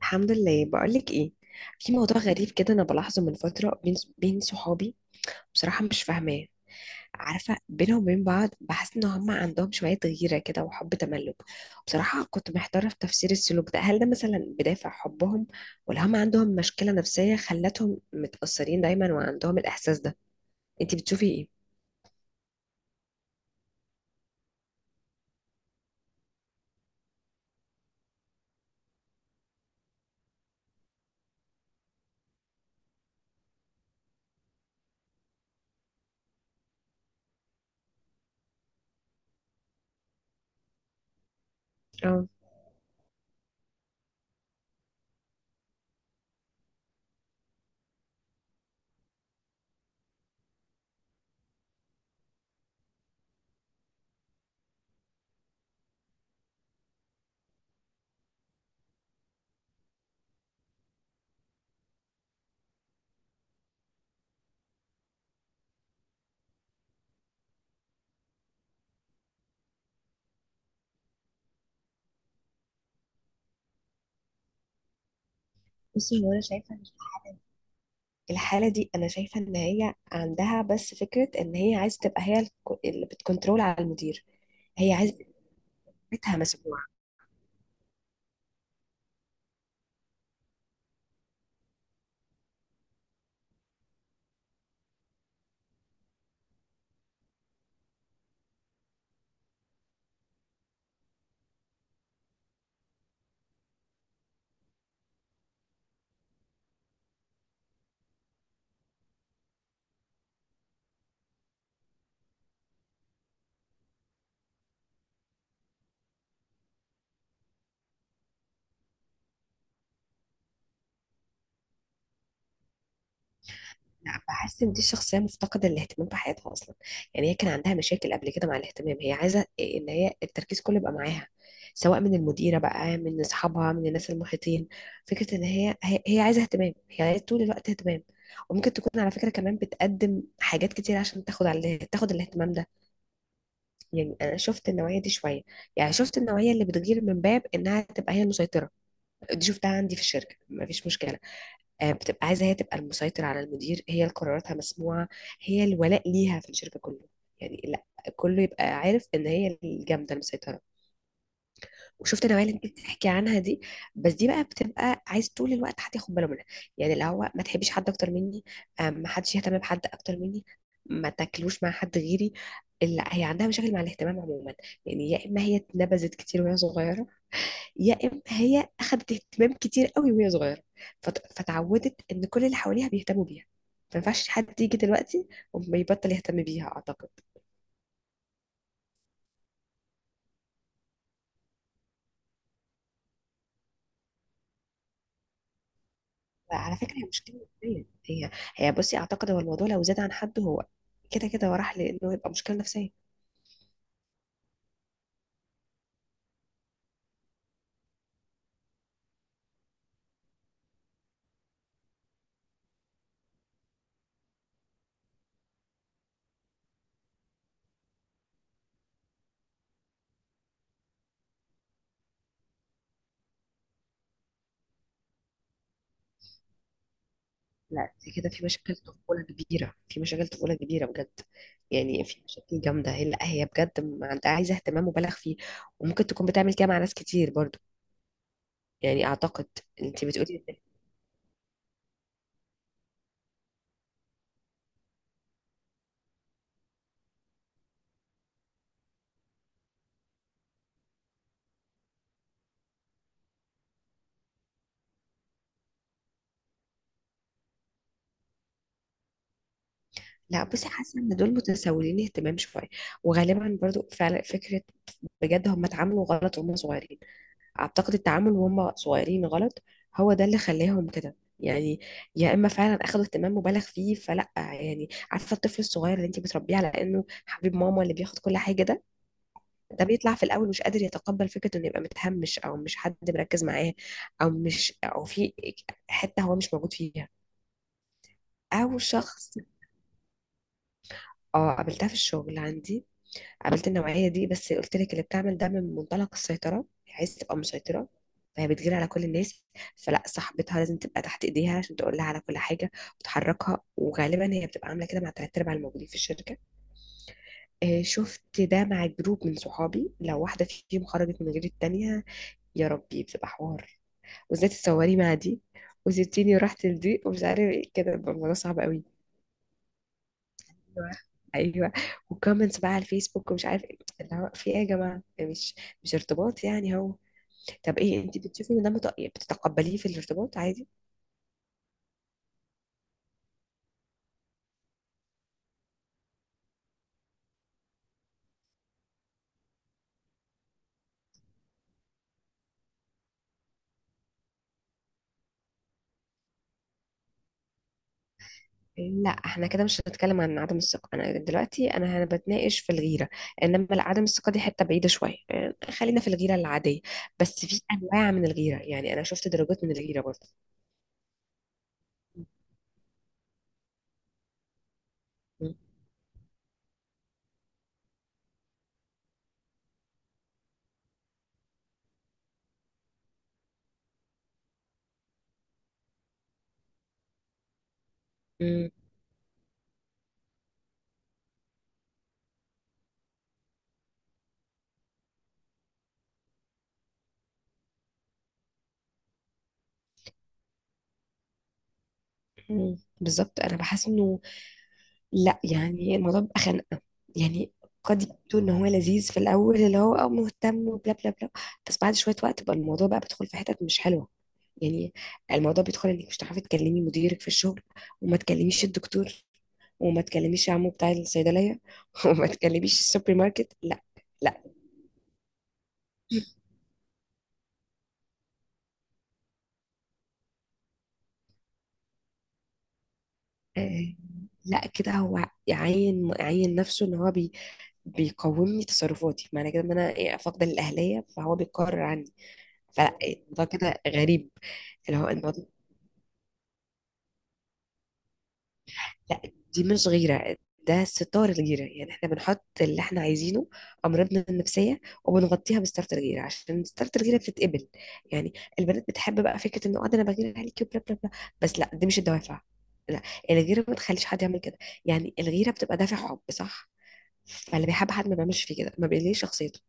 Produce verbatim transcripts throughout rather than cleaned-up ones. الحمد لله. بقولك ايه، في موضوع غريب كده انا بلاحظه من فتره بين بين صحابي. بصراحه مش فاهماه. عارفه بينهم وبين بعض بحس ان هم عندهم شويه غيره كده وحب تملك. بصراحه كنت محتاره في تفسير السلوك ده، هل ده مثلا بدافع حبهم، ولا هم عندهم مشكله نفسيه خلتهم متاثرين دايما وعندهم الاحساس ده. انتي بتشوفي ايه؟ اه، بصي هو انا شايفه إن الحاله دي، انا شايفه ان هي عندها بس فكره ان هي عايزه تبقى هي الك- اللي بتكنترول على المدير. هي عايزه بيتها مسموع. لا، بحس ان دي الشخصيه مفتقده الاهتمام في حياتها اصلا. يعني هي كان عندها مشاكل قبل كده مع الاهتمام، هي عايزه ان هي التركيز كله يبقى معاها، سواء من المديره بقى، من اصحابها، من الناس المحيطين. فكره ان هي هي هي عايزه اهتمام، هي عايزه طول الوقت اهتمام. وممكن تكون على فكره كمان بتقدم حاجات كتير عشان تاخد على تاخد الاهتمام ده. يعني انا شفت النوعيه دي شويه. يعني شفت النوعيه اللي بتغير من باب انها تبقى هي المسيطره. دي شفتها عندي في الشركه، مفيش مشكله. آه، بتبقى عايزة هي تبقى المسيطر على المدير، هي اللي قراراتها مسموعة، هي الولاء ليها في الشركة كله. يعني لا، كله يبقى عارف ان هي الجامدة المسيطرة. وشفت النوعية اللي انت بتحكي عنها دي، بس دي بقى بتبقى عايز طول الوقت حد ياخد باله منها. يعني اللي هو ما تحبيش حد اكتر مني، آه، ما حدش يهتم بحد اكتر مني، ما تاكلوش مع حد غيري. لا، هي عندها مشاكل مع الاهتمام عموما. يعني يا اما هي اتنبذت كتير وهي صغيرة، يا اما هي اخذت اهتمام كتير قوي وهي صغيره. فت- فتعودت ان كل اللي حواليها بيهتموا بيها، ما ينفعش حد يجي دلوقتي وما يبطل يهتم بيها اعتقد. على فكره هي مشكله نفسيه هي. هي بصي اعتقد هو الموضوع لو زاد عن حد، هو كده كده هو راح لانه يبقى مشكله نفسيه. لا دي كده في مشاكل طفوله كبيره، في مشاكل طفوله كبيره بجد. يعني في مشاكل جامده هي، لا هي بجد ما عندها، عايزه اهتمام مبالغ فيه، وممكن تكون بتعمل كده مع ناس كتير برضو. يعني اعتقد، انت بتقولي، لا بصي حاسه ان دول متسولين اهتمام شويه، وغالبا برضو فعلا فكره، بجد هم اتعاملوا غلط وهم صغيرين. اعتقد التعامل وهم صغيرين غلط، هو ده اللي خلاهم كده يعني. يا اما فعلا اخذوا اهتمام مبالغ فيه، فلا يعني، عارفه الطفل الصغير اللي انت بتربيه على انه حبيب ماما اللي بياخد كل حاجه ده، ده بيطلع في الاول مش قادر يتقبل فكره انه يبقى متهمش، او مش حد مركز معاه، او مش، او في حته هو مش موجود فيها. او شخص، اه قابلتها في الشغل عندي. قابلت النوعية دي بس قلت لك اللي بتعمل ده من منطلق السيطرة، هي عايزة تبقى مسيطرة. فهي بتجري على كل الناس، فلا صاحبتها لازم تبقى تحت ايديها عشان تقول لها على كل حاجة وتحركها. وغالبا هي بتبقى عاملة كده مع تلات ارباع الموجودين في الشركة. آه، شفت ده مع جروب من صحابي، لو واحدة فيهم خرجت من غير التانية، يا ربي بتبقى حوار. وازاي تتصوري مع دي وسبتيني ورحت لدي ومش عارف ايه، كده بيبقى الموضوع صعب قوي. ايوه، ايوه. وكومنتس بقى على الفيسبوك ومش عارف ايه، اللي هو في ايه يا جماعه؟ مش، مش ارتباط، يعني هو. طب ايه، انت بتشوفي ان ده مت- بتتقبليه في الارتباط عادي؟ لا احنا كده مش هنتكلم عن عدم الثقه، انا دلوقتي انا هنا بتناقش في الغيره. انما لا، عدم الثقه دي حته بعيده شويه، يعني خلينا في الغيره العاديه. بس في انواع من الغيره، يعني انا شفت درجات من الغيره برضه. م- م- م- بالظبط انا بحس انه، لا يعني الموضوع بيبقى خنقة. يعني قد يبدو ان هو لذيذ في الاول اللي هو اه مهتم وبلا بلا بلا، بس بعد شوية وقت بقى الموضوع بقى بيدخل في حتت مش حلوة. يعني الموضوع بيدخل انك مش هتعرفي تكلمي مديرك في الشغل، وما تكلميش الدكتور، وما تكلميش عمو بتاع الصيدلية، وما تكلميش السوبر ماركت. لا، لا، آه، لا كده هو يعين يعين نفسه ان هو بي بيقومني تصرفاتي، معنى كده ان انا إيه، فاقده الاهليه، فهو بيقرر عني. فالموضوع كده غريب. اللي هو الموضوع، لا دي مش غيرة، ده ستار الجيرة. يعني احنا بنحط اللي احنا عايزينه، أمراضنا النفسية، وبنغطيها بستارة الجيرة عشان ستارة الجيرة بتتقبل. يعني البنات بتحب بقى فكرة انه اه ده انا بغير عليكي وبلا بلا بلا. بس لا دي مش الدوافع. لا، الغيرة ما تخليش حد يعمل كده. يعني الغيرة بتبقى دافع حب صح، فاللي بيحب حد ما بيعملش فيه كده، ما بيقليش شخصيته،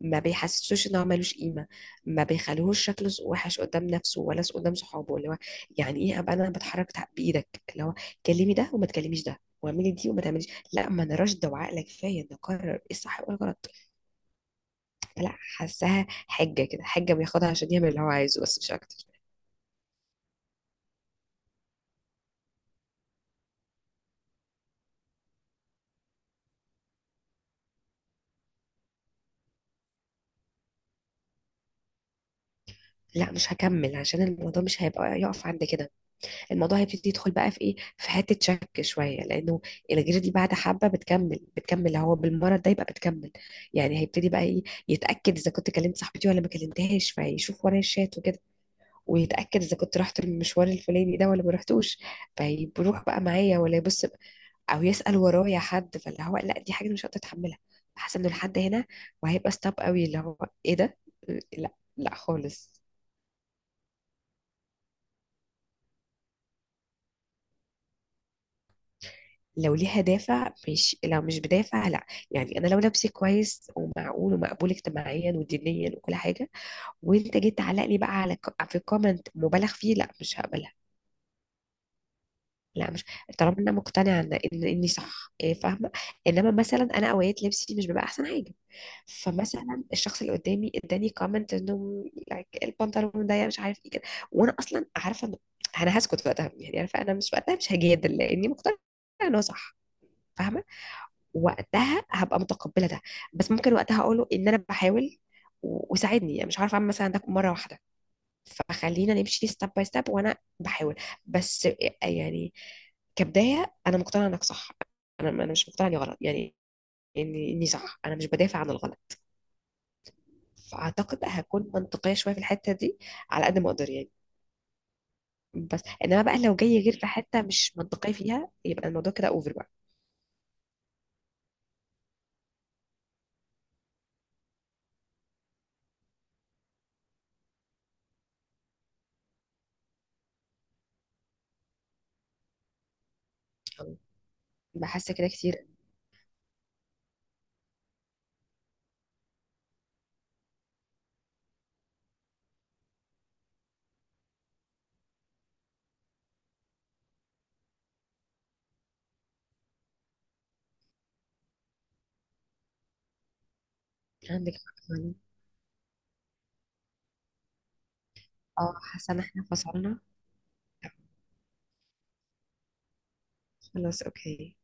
ما بيحسسوش ان هو ملوش قيمه، ما بيخليهوش شكله س- وحش قدام نفسه، ولا س- قدام صحابه. اللي هو يعني ايه ابقى انا بتحرك تع- بايدك، اللي هو كلمي ده وما تكلميش ده، واعملي دي وما تعمليش. لا ما انا راشده وعاقله كفايه ان اقرر ايه الصح وايه الغلط. لا، حاساها حجه كده، حجه بياخدها عشان يعمل اللي هو عايزه، بس مش اكتر. لا مش هكمل، عشان الموضوع مش هيبقى يقف عند كده. الموضوع هيبتدي يدخل بقى في ايه، في حته شك شويه، لانه الغيره دي بعد حبه بتكمل، بتكمل هو بالمرض ده، يبقى بتكمل. يعني هيبتدي بقى ايه، يتاكد اذا كنت كلمت صاحبتي ولا ما كلمتهاش، فيشوف ورايا الشات وكده. ويتاكد اذا كنت رحت المشوار الفلاني ده ولا ما رحتوش، فيروح بقى معايا ولا يبص، او يسال ورايا حد. فاللي هو لا، دي حاجه مش هقدر اتحملها. حاسه انه لحد هنا، وهيبقى ستاب قوي اللي هو، ايه ده؟ لا، لا خالص. لو ليها دافع، مش لو مش بدافع. لا يعني انا لو لبسي كويس ومعقول ومقبول اجتماعيا ودينيا وكل حاجه، وانت جيت تعلق لي بقى على ك- في كومنت مبالغ فيه، لا مش هقبلها. لا مش، طالما انا مقتنعه ان إن- اني صح، إيه، فاهمه. انما مثلا انا اوقات لبسي مش بيبقى احسن حاجه. فمثلا الشخص اللي قدامي اداني كومنت انه like البنطلون ضيق مش عارف ايه كده، وانا اصلا عارفه ان، انا هسكت وقتها، يعني عارفه انا مش وقتها مش هجادل لاني مقتنعه انه صح. فاهمه، وقتها هبقى متقبله ده. بس ممكن وقتها اقوله ان انا بحاول، و- وساعدني، يعني مش عارفه اعمل مثلا ده مره واحده، فخلينا نمشي ستيب باي ستيب وانا بحاول. بس يعني كبدايه انا مقتنعه انك صح، انا انا مش مقتنعه اني غلط يعني، اني اني صح، انا مش بدافع عن الغلط. فاعتقد هكون منطقيه شويه في الحته دي، على قد ما اقدر يعني. بس انما بقى لو جاي غير في حته مش منطقيه فيها، يبقى الموضوع كده اوفر بقى. بحس كده كتير. عندك حق يعني. اه، حاسه ان احنا فصلنا. خلاص اوكي.